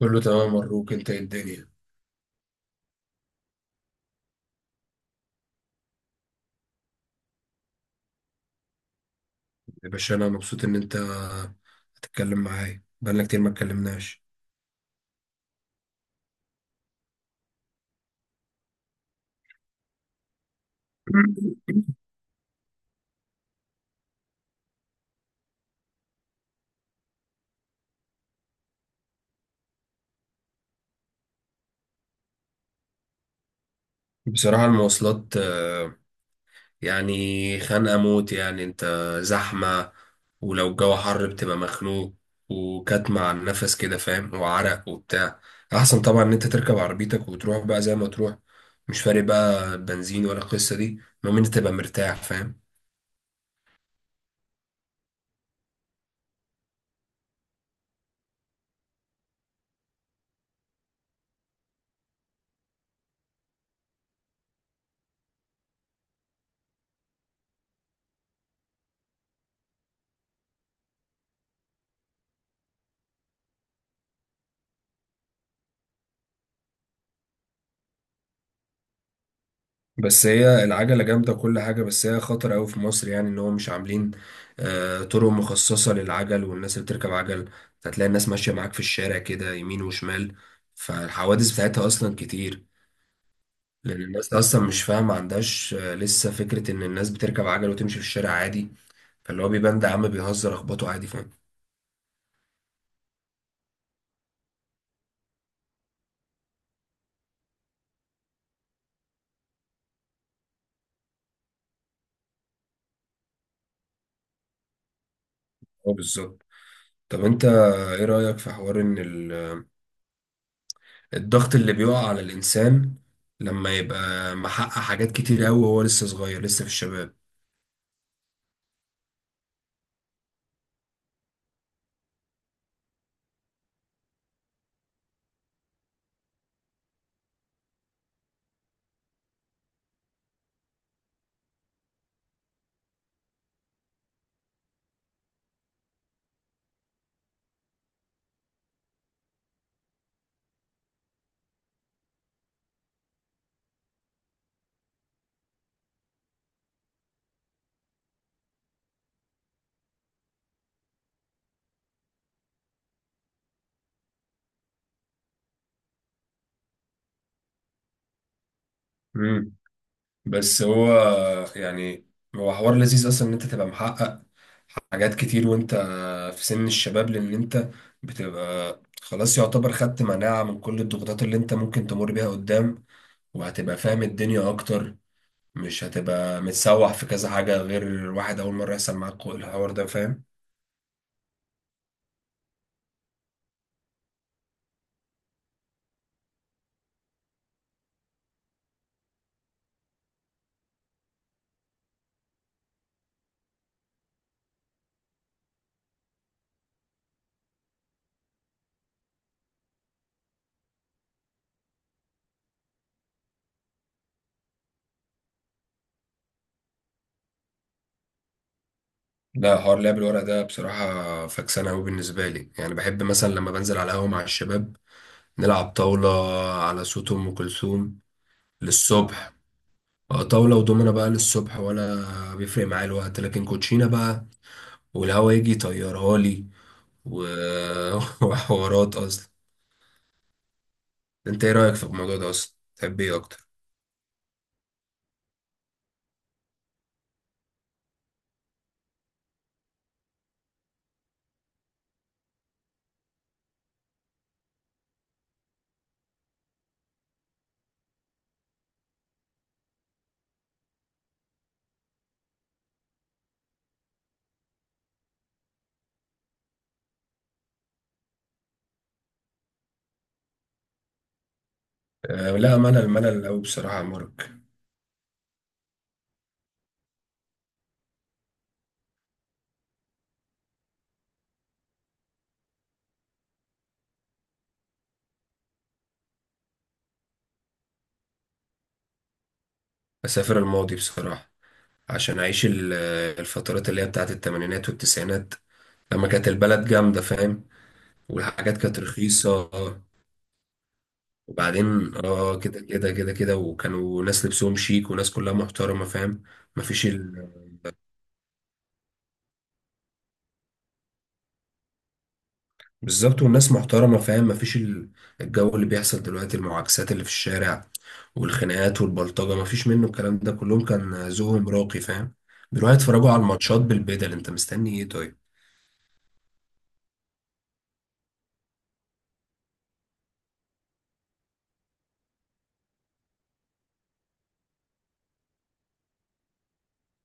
كله تمام. مبروك. انت ايه الدنيا؟ يا باشا، انا مبسوط ان انت هتتكلم معايا. بقالنا كتير ما اتكلمناش. بصراحة المواصلات يعني خانقة موت، يعني انت زحمة. ولو الجو حر بتبقى مخنوق وكاتمة على النفس كده، فاهم، وعرق وبتاع. احسن طبعا ان انت تركب عربيتك وتروح بقى زي ما تروح. مش فارق بقى بنزين ولا القصة دي، المهم ان انت تبقى مرتاح، فاهم. بس هي العجلة جامدة كل حاجة، بس هي خطر أوي في مصر، يعني إن هو مش عاملين طرق مخصصة للعجل والناس اللي بتركب عجل. هتلاقي الناس ماشية معاك في الشارع كده يمين وشمال، فالحوادث بتاعتها أصلا كتير. لأن الناس أصلا مش فاهمة، ما عندهاش لسه فكرة إن الناس بتركب عجل وتمشي في الشارع عادي، فاللي هو بيبان ده عم بيهزر أخبطه عادي، فاهم. هو بالظبط. طب أنت إيه رأيك في حوار إن الضغط اللي بيقع على الإنسان لما يبقى محقق حاجات كتير أوي وهو لسه صغير، لسه في الشباب؟ مم. بس هو، يعني، هو حوار لذيذ اصلا ان انت تبقى محقق حاجات كتير وانت في سن الشباب، لان انت بتبقى خلاص يعتبر خدت مناعة من كل الضغوطات اللي انت ممكن تمر بيها قدام، وهتبقى فاهم الدنيا اكتر. مش هتبقى متسوح في كذا حاجة غير واحد اول مرة يحصل معاك الحوار ده، فاهم. لا، حوار لعب الورق ده بصراحة فكسانة أوي بالنسبة لي. يعني بحب مثلا لما بنزل على القهوة مع الشباب نلعب طاولة على صوت أم كلثوم للصبح. طاولة ودومنة بقى للصبح، ولا بيفرق معايا الوقت. لكن كوتشينة بقى والهوا يجي يطيرها لي و... وحوارات أصلا. أنت إيه رأيك في الموضوع ده أصلا؟ تحب إيه أكتر؟ أه لا، ملل ملل أوي بصراحة يا مارك. أسافر الماضي بصراحة، عشان أعيش الفترات اللي هي بتاعت التمانينات والتسعينات لما كانت البلد جامدة، فاهم. والحاجات كانت رخيصة، وبعدين اه كده كده كده كده، وكانوا ناس لبسهم شيك وناس كلها محترمة، فاهم. مفيش. بالظبط، والناس محترمة، فاهم. مفيش الجو اللي بيحصل دلوقتي، المعاكسات اللي في الشارع والخناقات والبلطجة، مفيش منه الكلام ده. كلهم كان ذوقهم راقي، فاهم. بيروحوا يتفرجوا على الماتشات بالبدل، انت مستني ايه طيب.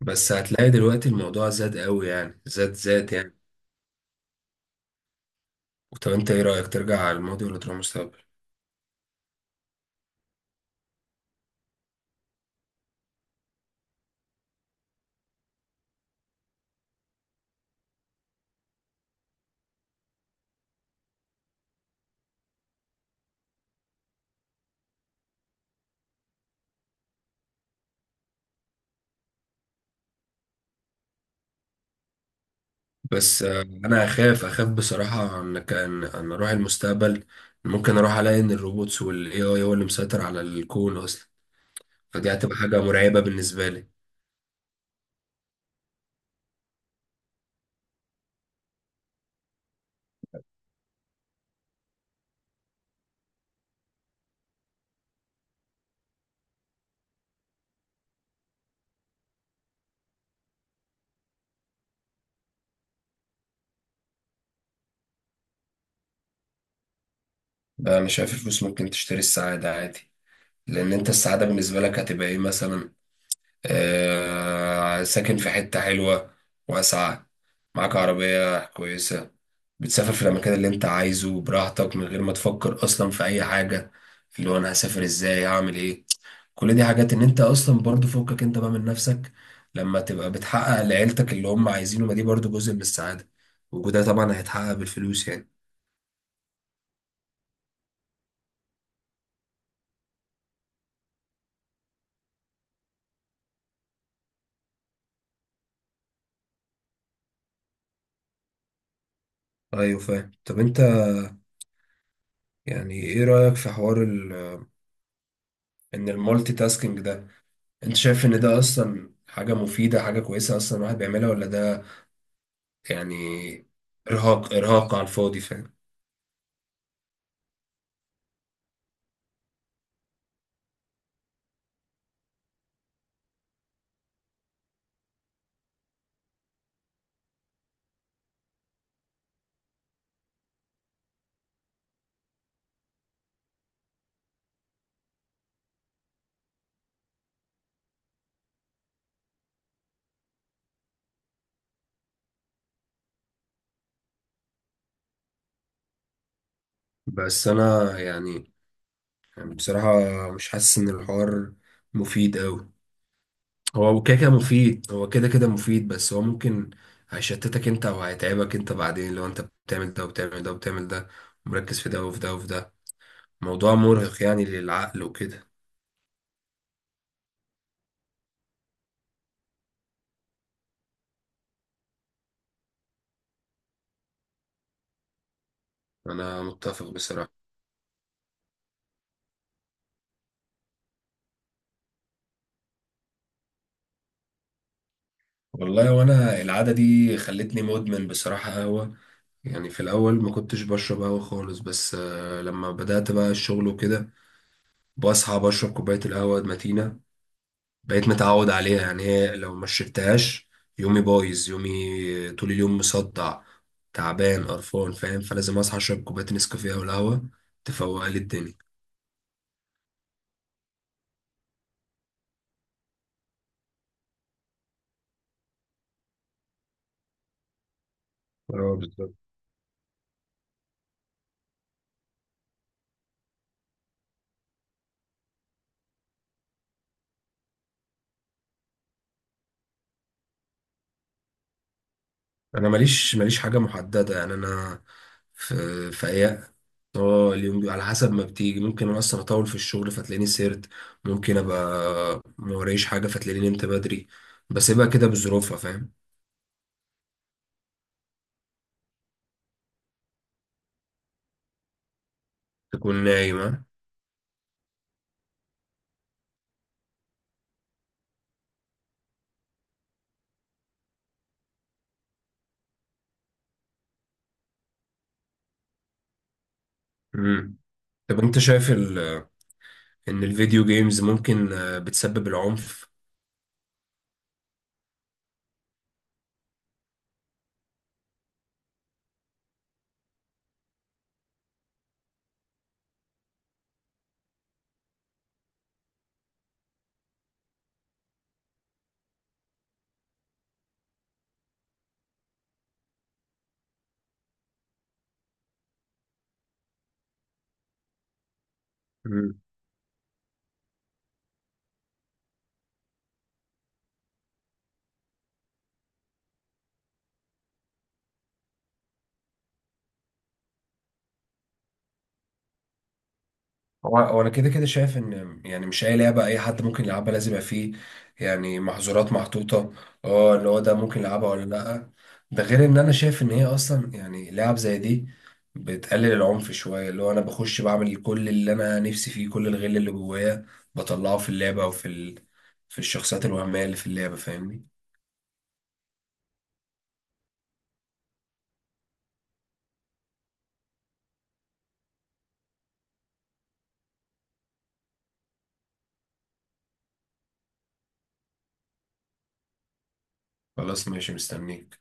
بس هتلاقي دلوقتي الموضوع زاد قوي، يعني زاد زاد، يعني. طب انت ايه رأيك؟ ترجع على الماضي ولا تروح المستقبل؟ بس انا اخاف اخاف بصراحة ان كان ان اروح المستقبل، ممكن اروح الاقي ان الروبوتس والاي اي هو اللي مسيطر على الكون اصلا. فدي هتبقى حاجة مرعبة بالنسبة لي. انا شايف الفلوس ممكن تشتري السعاده عادي. لان انت السعاده بالنسبه لك هتبقى ايه مثلا؟ آه، ساكن في حته حلوه واسعه، معاك عربيه كويسه، بتسافر في الاماكن اللي انت عايزه براحتك من غير ما تفكر اصلا في اي حاجه، اللي هو انا هسافر ازاي، هعمل ايه. كل دي حاجات ان انت اصلا برضو فوقك انت بقى من نفسك. لما تبقى بتحقق لعيلتك اللي هم عايزينه، ما دي برضو جزء من السعاده، وده طبعا هيتحقق بالفلوس يعني. ايوه، فاهم. طب انت يعني ايه رأيك في حوار ان المالتي تاسكينج ده، انت شايف ان ده اصلا حاجة مفيدة، حاجة كويسة اصلا الواحد بيعملها؟ ولا ده يعني ارهاق ارهاق على الفاضي، فاهم؟ بس انا يعني بصراحة، مش حاسس ان الحوار مفيد قوي. هو كده كده مفيد، هو كده كده مفيد، بس هو ممكن هيشتتك انت او هيتعبك انت بعدين لو انت بتعمل ده وبتعمل ده وبتعمل ده، ومركز في ده وفي ده وفي ده، موضوع مرهق يعني للعقل وكده. انا متفق بصراحة. والله وانا العاده دي خلتني مدمن بصراحه قهوه. يعني في الاول ما كنتش بشرب قهوه خالص، بس لما بدات بقى الشغل وكده بصحى بشرب كوبايه القهوه المتينه. بقيت متعود عليها. يعني هي لو ما شربتهاش، يومي بايظ، يومي طول اليوم مصدع تعبان قرفان، فاهم. فلازم اصحى اشرب كوبايه نسكافيه او القهوه تفوق لي الدنيا. اه، بالظبط. انا ماليش حاجه محدده. يعني انا في في ايام. اه، اليوم على حسب ما بتيجي. ممكن انا اصلا اطول في الشغل فتلاقيني سهرت، ممكن ابقى ما ورايش حاجه فتلاقيني نمت بدري. بسيبها كده بظروفها، فاهم. تكون نايمه. امم طب انت شايف ان الفيديو جيمز ممكن بتسبب العنف؟ هو انا كده كده شايف ان يعني مش اي لعبه اي حد ممكن يلعبها، لازم يبقى فيه يعني محظورات محطوطه. اه، اللي هو ده ممكن يلعبها ولا لا. ده غير ان انا شايف ان هي اصلا يعني لعب زي دي بتقلل العنف شويه. اللي هو انا بخش بعمل كل اللي انا نفسي فيه، كل الغل اللي جوايا بطلعه في اللعبه او في في الشخصيات الوهميه اللي في اللعبه، فاهمني. خلاص، ماشي، مستنيك.